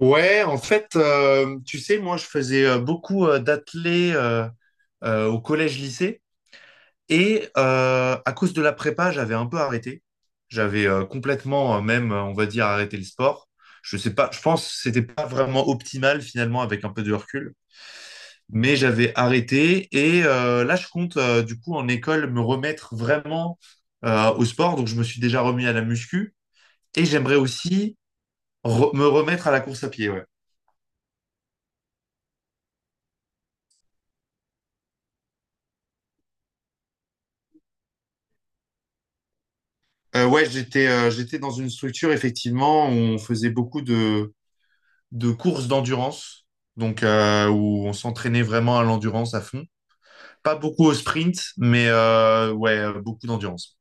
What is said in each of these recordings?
Ouais, en fait, tu sais, moi, je faisais beaucoup d'athlé au collège-lycée et à cause de la prépa, j'avais un peu arrêté. J'avais complètement, même, on va dire, arrêté le sport. Je sais pas, je pense que c'était pas vraiment optimal finalement avec un peu de recul, mais j'avais arrêté et là, je compte du coup en école me remettre vraiment au sport. Donc, je me suis déjà remis à la muscu et j'aimerais aussi me remettre à la course à pied. Ouais. Ouais, j'étais dans une structure, effectivement, où on faisait beaucoup de courses d'endurance, donc où on s'entraînait vraiment à l'endurance à fond. Pas beaucoup au sprint, mais ouais, beaucoup d'endurance.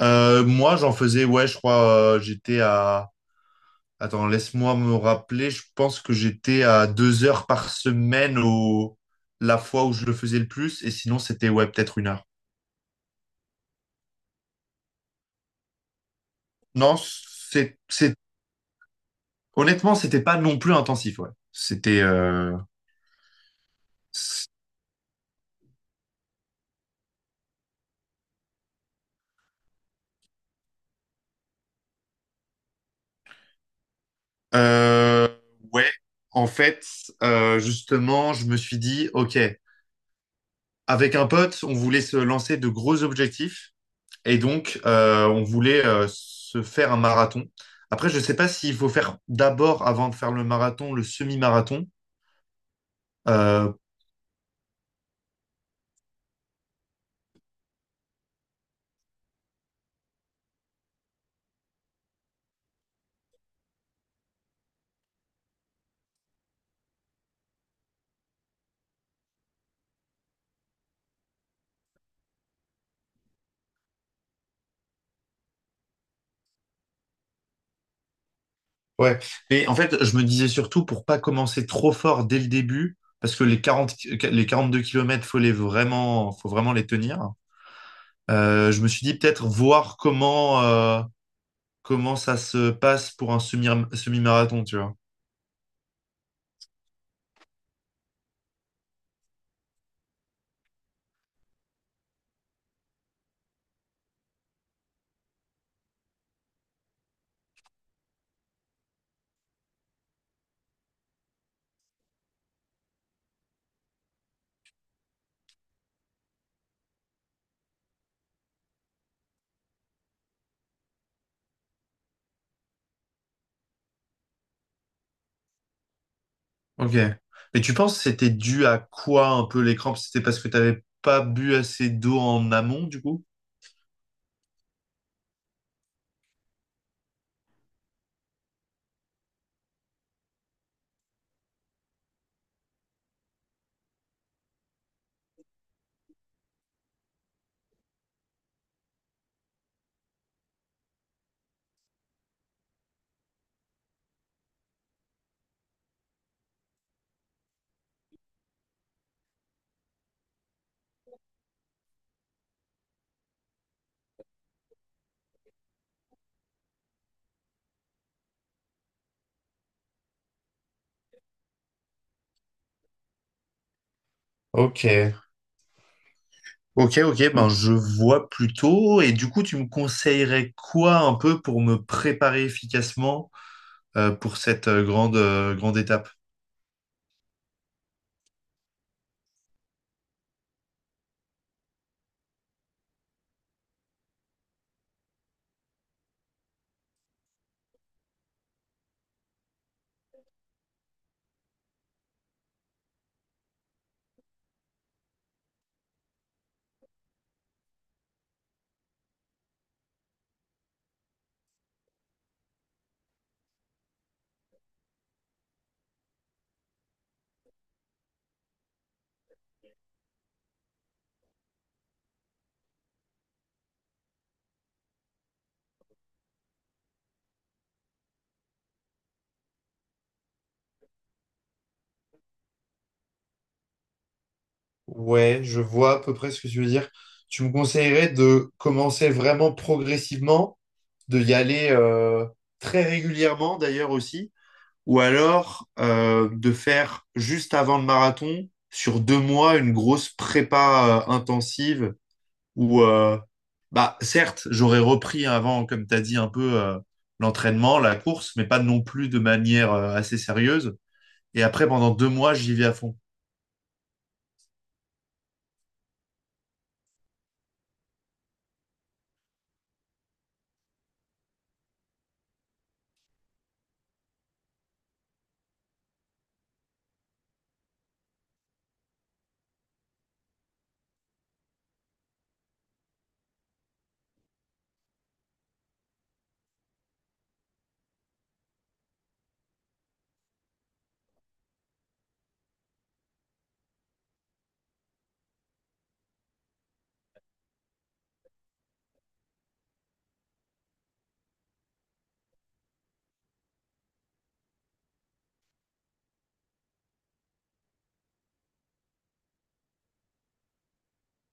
Moi, j'en faisais, ouais, je crois, j'étais à... Attends, laisse-moi me rappeler, je pense que j'étais à 2 heures par semaine au... la fois où je le faisais le plus, et sinon, c'était, ouais, peut-être 1 heure. Non, c'est... honnêtement, c'était pas non plus intensif, ouais. C'était... Euh, ouais, en fait, justement, je me suis dit, ok, avec un pote, on voulait se lancer de gros objectifs et donc on voulait se faire un marathon. Après, je sais pas s'il faut faire d'abord, avant de faire le marathon, le semi-marathon. Euh, ouais, mais en fait, je me disais surtout pour pas commencer trop fort dès le début, parce que les 42 kilomètres, faut vraiment les tenir. Je me suis dit peut-être voir comment. Ça se passe pour un semi-marathon, tu vois. Ok. Et tu penses que c'était dû à quoi un peu les crampes? C'était parce que t'avais pas bu assez d'eau en amont, du coup? Ok. Ok, ok, ben je vois plutôt. Et du coup, tu me conseillerais quoi un peu pour me préparer efficacement pour cette grande étape? Ouais, je vois à peu près ce que tu veux dire. Tu me conseillerais de commencer vraiment progressivement, de y aller très régulièrement d'ailleurs aussi, ou alors de faire juste avant le marathon, sur 2 mois, une grosse prépa intensive où, bah, certes, j'aurais repris avant, comme tu as dit, un peu l'entraînement, la course, mais pas non plus de manière assez sérieuse. Et après, pendant 2 mois, j'y vais à fond.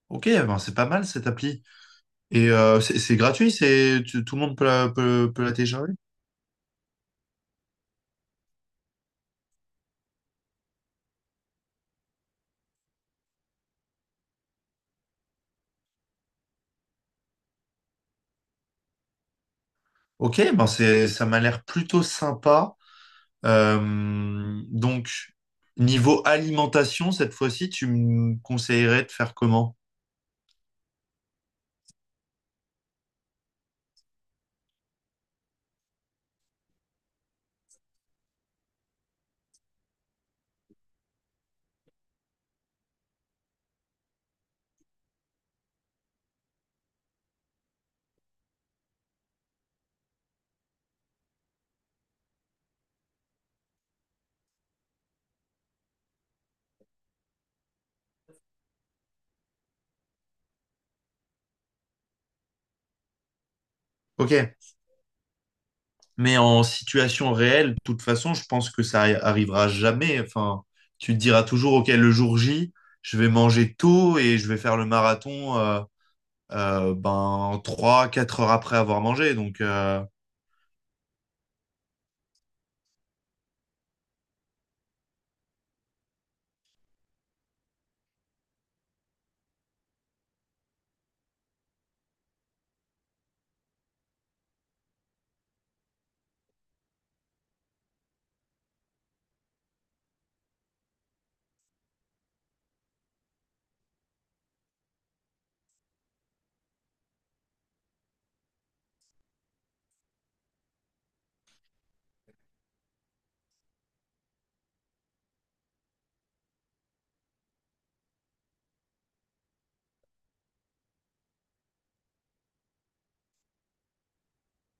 Ok, ben c'est pas mal cette appli. Et c'est gratuit, tout le monde peut la, peut, peut la télécharger. Ok, ben c'est ça m'a l'air plutôt sympa. Donc niveau alimentation cette fois-ci, tu me conseillerais de faire comment? Ok, mais en situation réelle, de toute façon, je pense que ça arrivera jamais. Enfin, tu te diras toujours, ok, le jour J, je vais manger tôt et je vais faire le marathon ben trois quatre heures après avoir mangé. Donc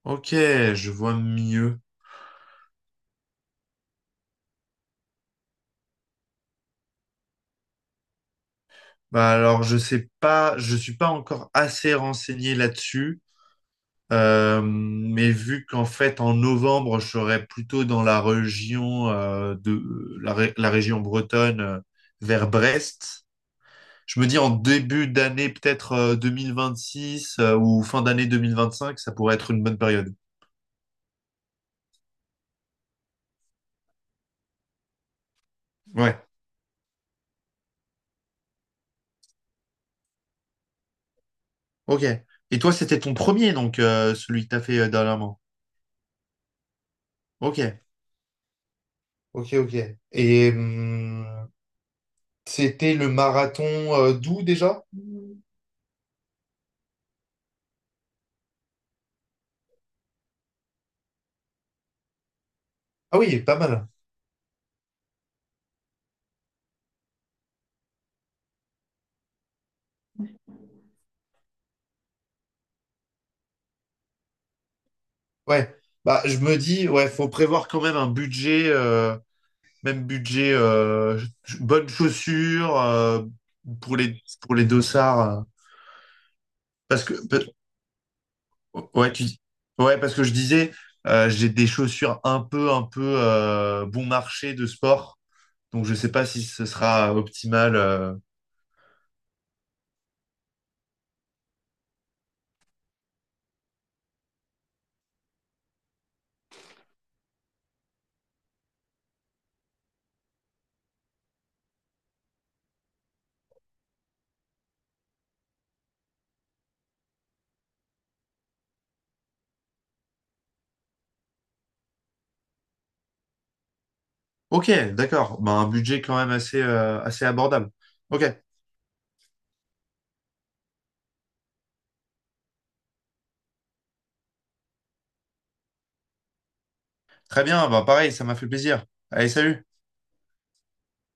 ok, je vois mieux. Bah alors, je sais pas, je suis pas encore assez renseigné là-dessus, mais vu qu'en fait en novembre, je serai plutôt dans la région de la région bretonne vers Brest. Je me dis en début d'année peut-être 2026 ou fin d'année 2025, ça pourrait être une bonne période. Ouais. Ok. Et toi, c'était ton premier donc celui que t'as fait dernièrement. Ok. Ok, ok. Et c'était le marathon d'où déjà? Ah oui, pas mal. Ouais. Bah, je me dis, ouais, faut prévoir quand même un budget, même budget, bonnes chaussures pour les dossards. Parce que, ouais, ouais, parce que je disais, j'ai des chaussures un peu bon marché de sport, donc je sais pas si ce sera optimal. Ok, d'accord. Bah, un budget quand même assez abordable. Ok, très bien. Bah, pareil, ça m'a fait plaisir. Allez, salut.